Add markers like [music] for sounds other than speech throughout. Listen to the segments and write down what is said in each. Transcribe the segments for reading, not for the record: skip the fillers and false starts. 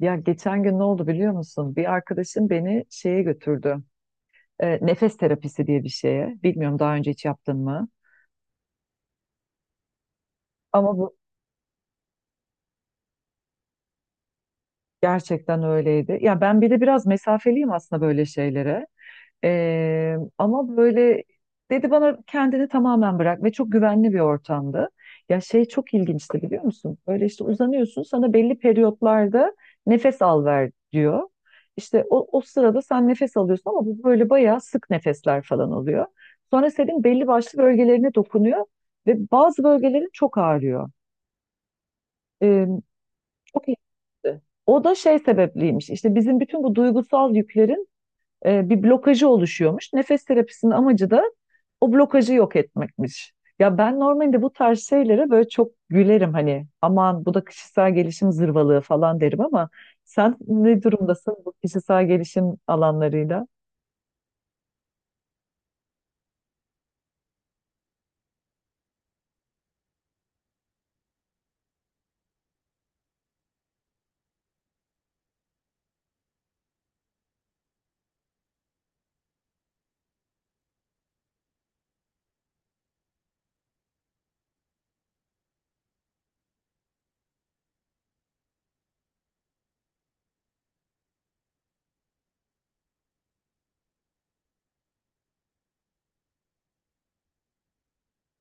Ya geçen gün ne oldu biliyor musun? Bir arkadaşım beni şeye götürdü. Nefes terapisi diye bir şeye. Bilmiyorum daha önce hiç yaptın mı? Ama bu gerçekten öyleydi. Ya ben bir de biraz mesafeliyim aslında böyle şeylere. Ama böyle dedi bana kendini tamamen bırak ve çok güvenli bir ortamdı. Ya şey çok ilginçti biliyor musun? Böyle işte uzanıyorsun, sana belli periyotlarda nefes al ver diyor. İşte o sırada sen nefes alıyorsun ama bu böyle bayağı sık nefesler falan oluyor. Sonra senin belli başlı bölgelerine dokunuyor ve bazı bölgelerin çok ağrıyor. Ee, Çok ilginçti. O da şey sebepliymiş. İşte bizim bütün bu duygusal yüklerin bir blokajı oluşuyormuş. Nefes terapisinin amacı da o blokajı yok etmekmiş. Ya ben normalde bu tarz şeylere böyle çok gülerim, hani aman bu da kişisel gelişim zırvalığı falan derim, ama sen ne durumdasın bu kişisel gelişim alanlarıyla?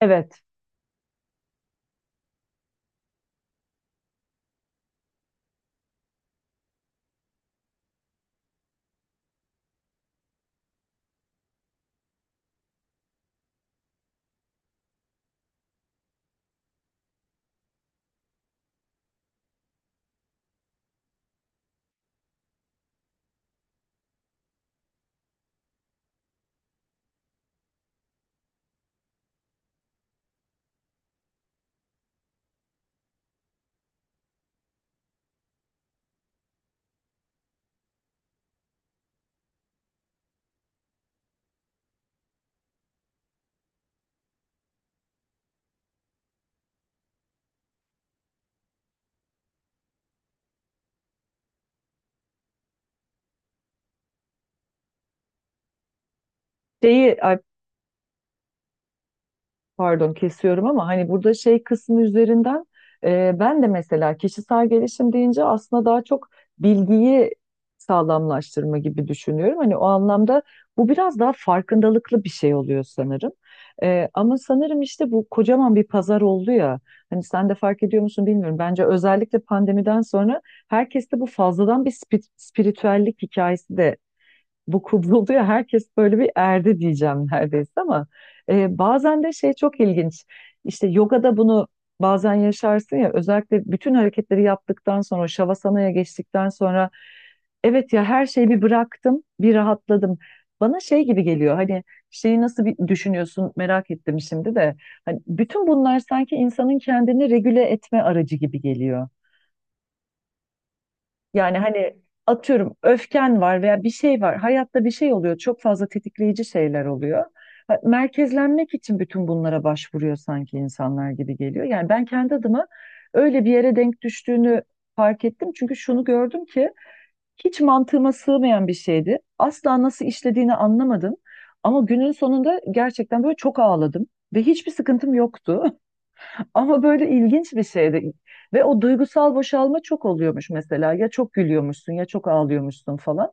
Evet. Şeyi ay Pardon kesiyorum ama hani burada şey kısmı üzerinden ben de mesela kişisel gelişim deyince aslında daha çok bilgiyi sağlamlaştırma gibi düşünüyorum. Hani o anlamda bu biraz daha farkındalıklı bir şey oluyor sanırım. Ama sanırım işte bu kocaman bir pazar oldu ya. Hani sen de fark ediyor musun bilmiyorum. Bence özellikle pandemiden sonra herkeste bu fazladan bir spiritüellik hikayesi de bu kuruluyor. Herkes böyle bir erdi diyeceğim neredeyse ama bazen de şey çok ilginç. İşte yogada bunu bazen yaşarsın ya, özellikle bütün hareketleri yaptıktan sonra şavasanaya geçtikten sonra evet ya, her şeyi bir bıraktım, bir rahatladım. Bana şey gibi geliyor, hani şeyi nasıl bir düşünüyorsun merak ettim şimdi de. Hani bütün bunlar sanki insanın kendini regüle etme aracı gibi geliyor. Yani hani atıyorum öfken var veya bir şey var. Hayatta bir şey oluyor. Çok fazla tetikleyici şeyler oluyor. Ha, merkezlenmek için bütün bunlara başvuruyor sanki insanlar gibi geliyor. Yani ben kendi adıma öyle bir yere denk düştüğünü fark ettim. Çünkü şunu gördüm ki hiç mantığıma sığmayan bir şeydi. Asla nasıl işlediğini anlamadım. Ama günün sonunda gerçekten böyle çok ağladım ve hiçbir sıkıntım yoktu. [laughs] Ama böyle ilginç bir şeydi. Ve o duygusal boşalma çok oluyormuş mesela. Ya çok gülüyormuşsun ya çok ağlıyormuşsun falan.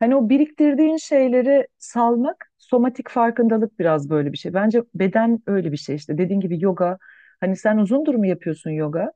Hani o biriktirdiğin şeyleri salmak, somatik farkındalık biraz böyle bir şey. Bence beden öyle bir şey işte. Dediğin gibi yoga. Hani sen uzundur mu yapıyorsun yoga?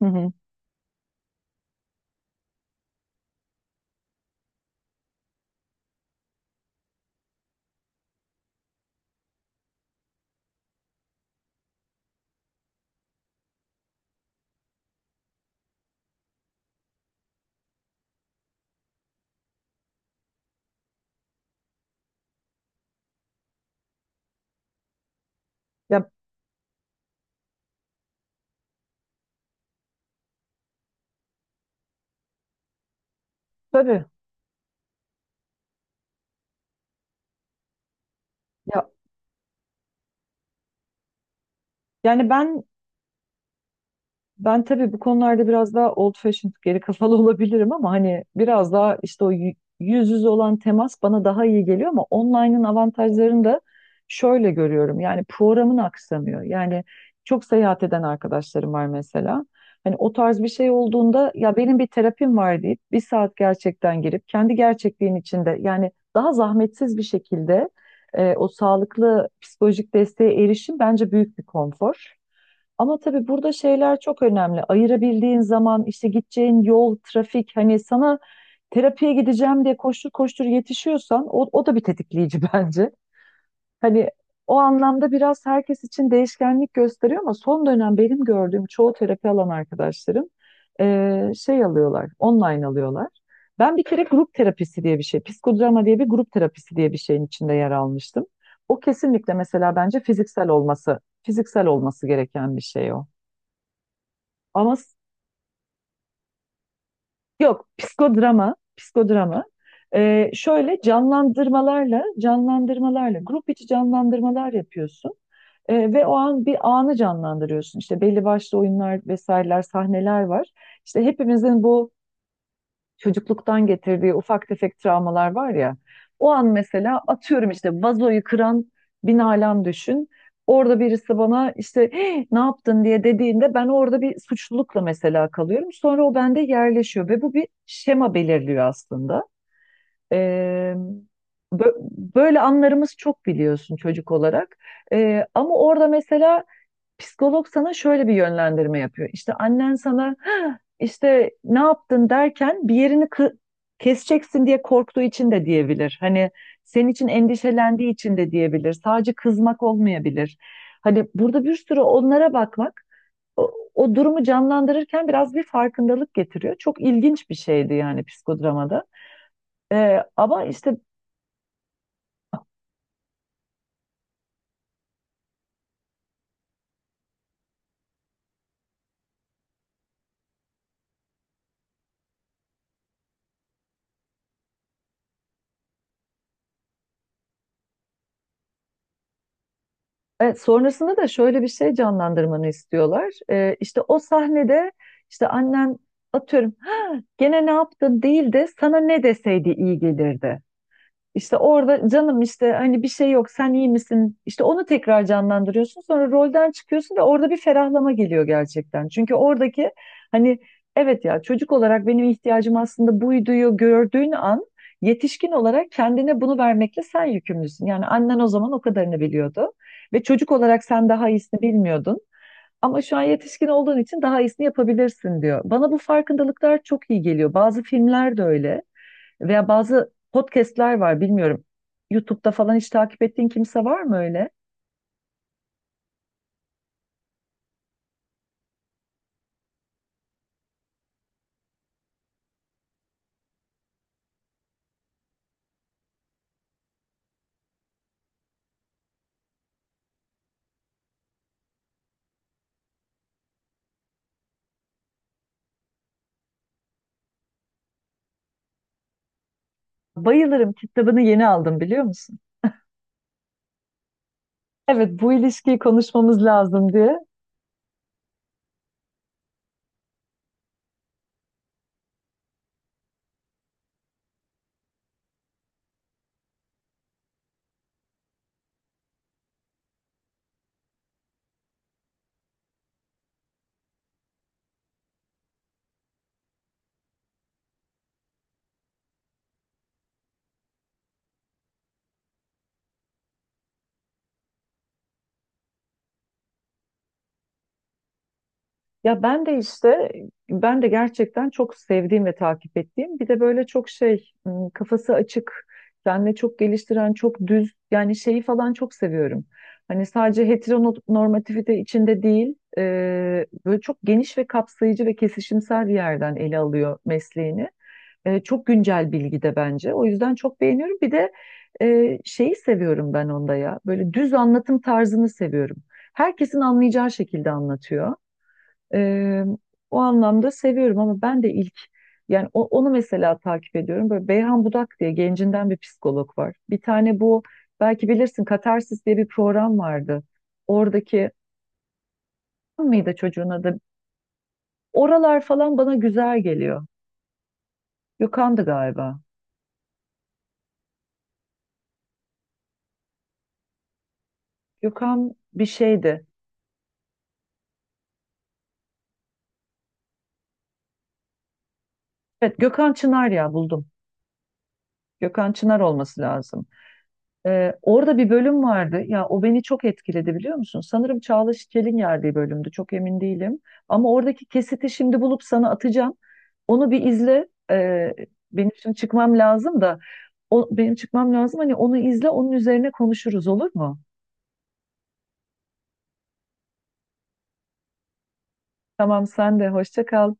Hı hı. Ya tabii. Ya yani ben Ben tabii bu konularda biraz daha old fashioned, geri kafalı [laughs] olabilirim ama hani biraz daha işte o yüz yüze olan temas bana daha iyi geliyor, ama online'ın avantajlarını da şöyle görüyorum. Yani programın aksamıyor. Yani çok seyahat eden arkadaşlarım var mesela. Hani o tarz bir şey olduğunda ya benim bir terapim var deyip bir saat gerçekten girip kendi gerçekliğin içinde, yani daha zahmetsiz bir şekilde o sağlıklı psikolojik desteğe erişim bence büyük bir konfor. Ama tabii burada şeyler çok önemli. Ayırabildiğin zaman, işte gideceğin yol, trafik, hani sana terapiye gideceğim diye koştur koştur yetişiyorsan o da bir tetikleyici [laughs] bence. Hani o anlamda biraz herkes için değişkenlik gösteriyor ama son dönem benim gördüğüm çoğu terapi alan arkadaşlarım şey alıyorlar, online alıyorlar. Ben bir kere grup terapisi diye bir şey, psikodrama diye bir grup terapisi diye bir şeyin içinde yer almıştım. O kesinlikle mesela bence fiziksel olması gereken bir şey o. Ama s- Yok, psikodrama, psikodrama. Şöyle canlandırmalarla, grup içi canlandırmalar yapıyorsun. Ve o an bir anı canlandırıyorsun. İşte belli başlı oyunlar vesaireler, sahneler var. İşte hepimizin bu çocukluktan getirdiği ufak tefek travmalar var ya. O an mesela atıyorum işte vazoyu kıran bin alem düşün. Orada birisi bana işte "Hey, ne yaptın" diye dediğinde ben orada bir suçlulukla mesela kalıyorum. Sonra o bende yerleşiyor ve bu bir şema belirliyor aslında. Ee, bö- Böyle anlarımız çok biliyorsun çocuk olarak. Ama orada mesela psikolog sana şöyle bir yönlendirme yapıyor. İşte annen sana "Hah, işte ne yaptın" derken bir yerini keseceksin diye korktuğu için de diyebilir. Hani senin için endişelendiği için de diyebilir. Sadece kızmak olmayabilir. Hani burada bir sürü onlara bakmak, o durumu canlandırırken biraz bir farkındalık getiriyor. Çok ilginç bir şeydi yani psikodramada. Ama işte Evet, sonrasında da şöyle bir şey canlandırmanı istiyorlar. İşte o sahnede işte annen atıyorum "Ha, gene ne yaptın" değil de sana ne deseydi iyi gelirdi. İşte orada canım, işte hani bir şey yok, sen iyi misin? İşte onu tekrar canlandırıyorsun. Sonra rolden çıkıyorsun ve orada bir ferahlama geliyor gerçekten. Çünkü oradaki hani evet ya, çocuk olarak benim ihtiyacım aslında buyduyu gördüğün an yetişkin olarak kendine bunu vermekle sen yükümlüsün. Yani annen o zaman o kadarını biliyordu ve çocuk olarak sen daha iyisini bilmiyordun. Ama şu an yetişkin olduğun için daha iyisini yapabilirsin diyor. Bana bu farkındalıklar çok iyi geliyor. Bazı filmler de öyle. Veya bazı podcastler var bilmiyorum. YouTube'da falan hiç takip ettiğin kimse var mı öyle? Bayılırım, kitabını yeni aldım biliyor musun? Evet, bu ilişkiyi konuşmamız lazım diye. Ya ben de işte, ben de gerçekten çok sevdiğim ve takip ettiğim, bir de böyle çok şey, kafası açık, kendini çok geliştiren, çok düz, yani şeyi falan çok seviyorum. Hani sadece heteronormativite içinde değil, böyle çok geniş ve kapsayıcı ve kesişimsel bir yerden ele alıyor mesleğini. Çok güncel bilgi de bence. O yüzden çok beğeniyorum. Bir de şeyi seviyorum ben onda ya. Böyle düz anlatım tarzını seviyorum. Herkesin anlayacağı şekilde anlatıyor. E, O anlamda seviyorum, ama ben de ilk, yani onu mesela takip ediyorum. Böyle Beyhan Budak diye gencinden bir psikolog var. Bir tane bu, belki bilirsin, Katarsis diye bir program vardı. Oradaki mıydı çocuğun adı? Oralar falan bana güzel geliyor. Gökhan'dı galiba. Gökhan bir şeydi. Evet, Gökhan Çınar, ya buldum. Gökhan Çınar olması lazım. Orada bir bölüm vardı. Ya o beni çok etkiledi biliyor musun? Sanırım Çağla Şikel'in yerdiği bölümdü. Çok emin değilim. Ama oradaki kesiti şimdi bulup sana atacağım. Onu bir izle. Benim şimdi çıkmam lazım da. O, benim çıkmam lazım. Hani onu izle, onun üzerine konuşuruz, olur mu? Tamam, sen de hoşça kal.